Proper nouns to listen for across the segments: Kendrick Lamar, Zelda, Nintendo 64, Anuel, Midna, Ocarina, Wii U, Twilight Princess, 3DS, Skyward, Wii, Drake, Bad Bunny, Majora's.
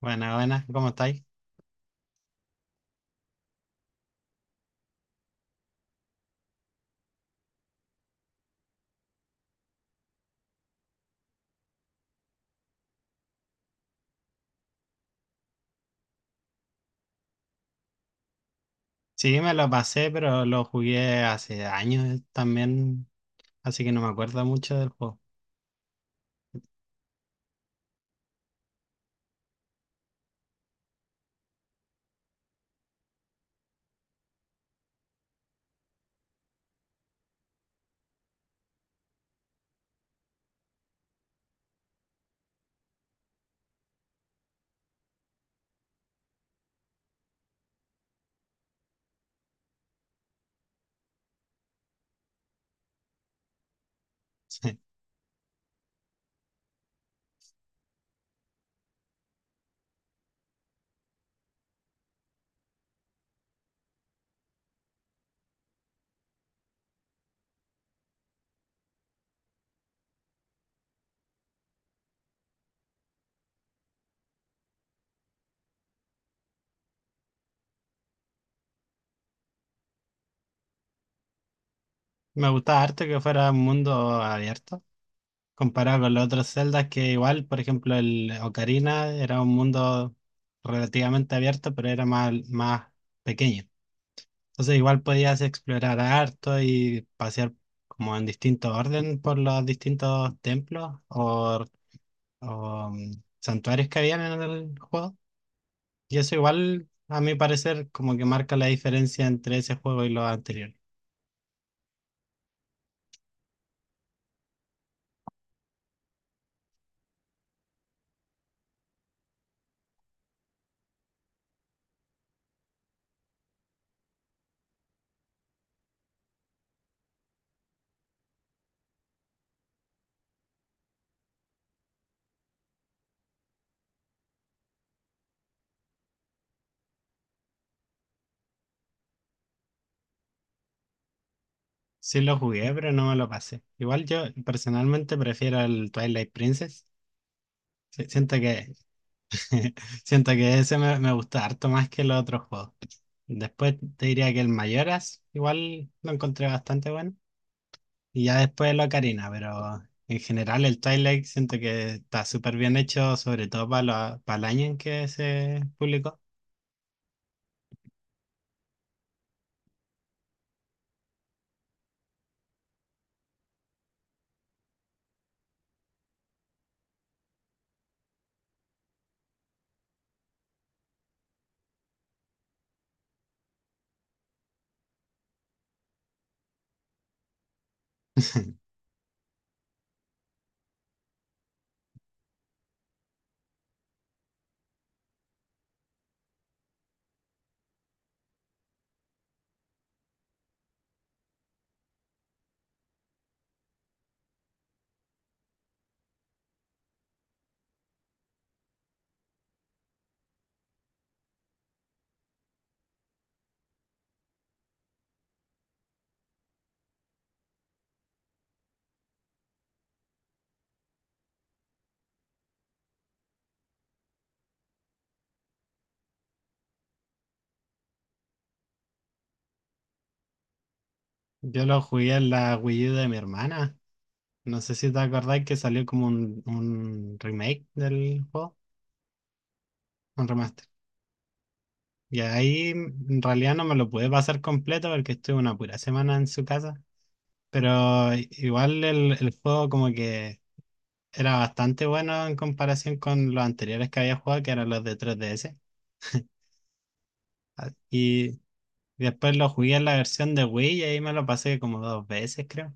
Buena, buena, ¿cómo estáis? Sí, me lo pasé, pero lo jugué hace años también, así que no me acuerdo mucho del juego. Sí. Me gustaba harto que fuera un mundo abierto, comparado con los otros Zeldas que igual, por ejemplo, el Ocarina era un mundo relativamente abierto, pero era más pequeño. Entonces igual podías explorar harto y pasear como en distinto orden por los distintos templos o, santuarios que habían en el juego. Y eso igual, a mi parecer, como que marca la diferencia entre ese juego y los anteriores. Sí lo jugué, pero no me lo pasé. Igual yo personalmente prefiero el Twilight Princess. Siento que, siento que ese me gusta harto más que los otros juegos. Después te diría que el Majoras igual lo encontré bastante bueno. Y ya después el Ocarina, pero en general el Twilight siento que está súper bien hecho, sobre todo para el año en que se publicó. Yo lo jugué en la Wii U de mi hermana. No sé si te acordáis que salió como un remake del juego, un remaster. Y ahí en realidad no me lo pude pasar completo porque estuve una pura semana en su casa. Pero igual el juego como que era bastante bueno en comparación con los anteriores que había jugado, que eran los de 3DS. Y después lo jugué en la versión de Wii y ahí me lo pasé como dos veces, creo.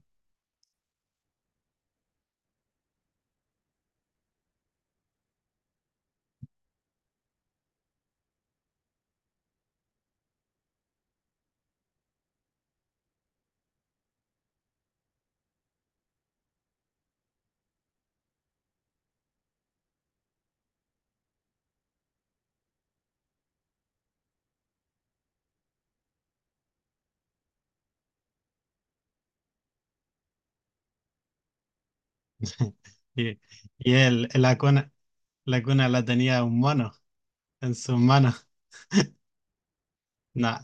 Y, y la cuna, la cuna la tenía un mono en sus manos. No.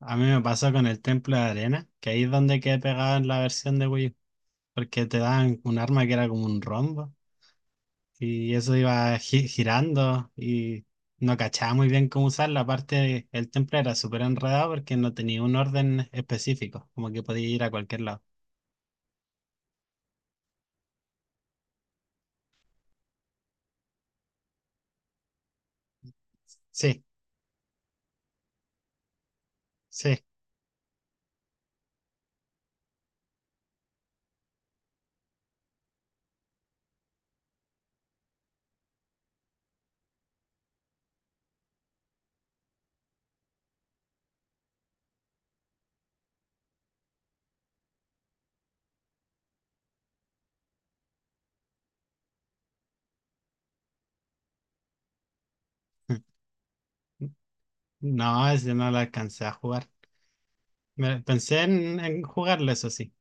A mí me pasó con el Templo de Arena, que ahí es donde quedé pegado en la versión de Wii U, porque te daban un arma que era como un rombo y eso iba girando y no cachaba muy bien cómo usarla. Aparte, el templo era súper enredado porque no tenía un orden específico, como que podía ir a cualquier lado. Sí, sí. No, ese no lo alcancé a jugar. Pensé en jugarlo, eso sí.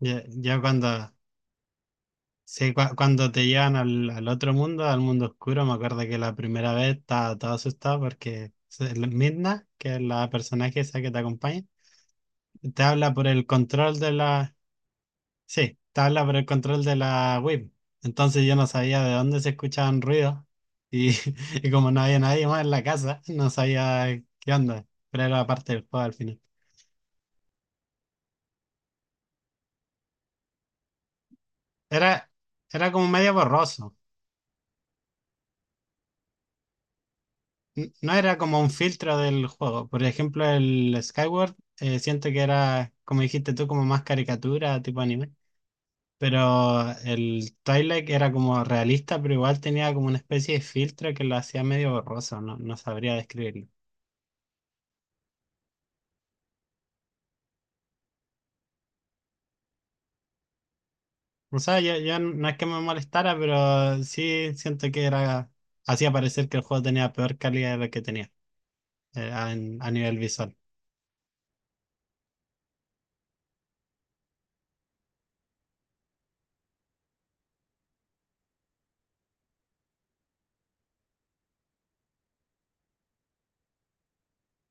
Ya, ya cuando Sí, cuando te llevan al otro mundo, al mundo oscuro, me acuerdo que la primera vez estaba todo asustado porque la Midna, que es la personaje esa que te acompaña, te habla por el control de la... Sí, te habla por el control de la web. Entonces yo no sabía de dónde se escuchaban ruidos y, y como no había nadie más en la casa, no sabía qué onda, pero era parte del juego al final. Era, Era como medio borroso. No era como un filtro del juego. Por ejemplo, el Skyward, siento que era, como dijiste tú, como más caricatura, tipo anime. Pero el Twilight era como realista, pero igual tenía como una especie de filtro que lo hacía medio borroso, no, no sabría describirlo. O sea, yo no es que me molestara, pero sí siento que era, hacía parecer que el juego tenía peor calidad de lo que tenía, a nivel visual.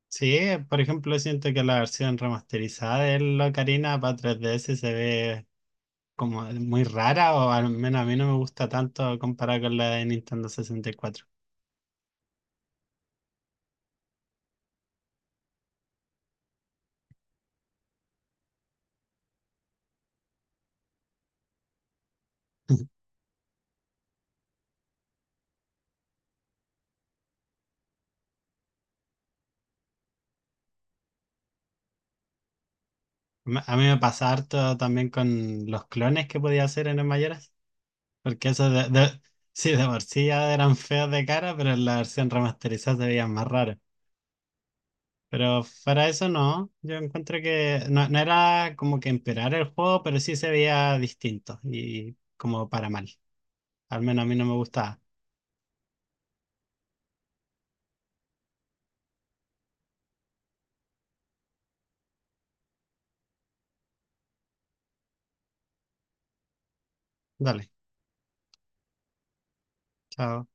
Sí, por ejemplo, siento que la versión remasterizada del Ocarina para 3DS se ve como muy rara o al menos a mí no me gusta tanto comparada con la de Nintendo 64. A mí me pasa harto también con los clones que podía hacer en el Mayoras, porque eso sí, de por sí ya eran feos de cara, pero en la versión remasterizada se veían más raros. Pero fuera de eso no, yo encuentro que no, no era como que empeorar el juego, pero sí se veía distinto y como para mal. Al menos a mí no me gustaba. Dale, chao.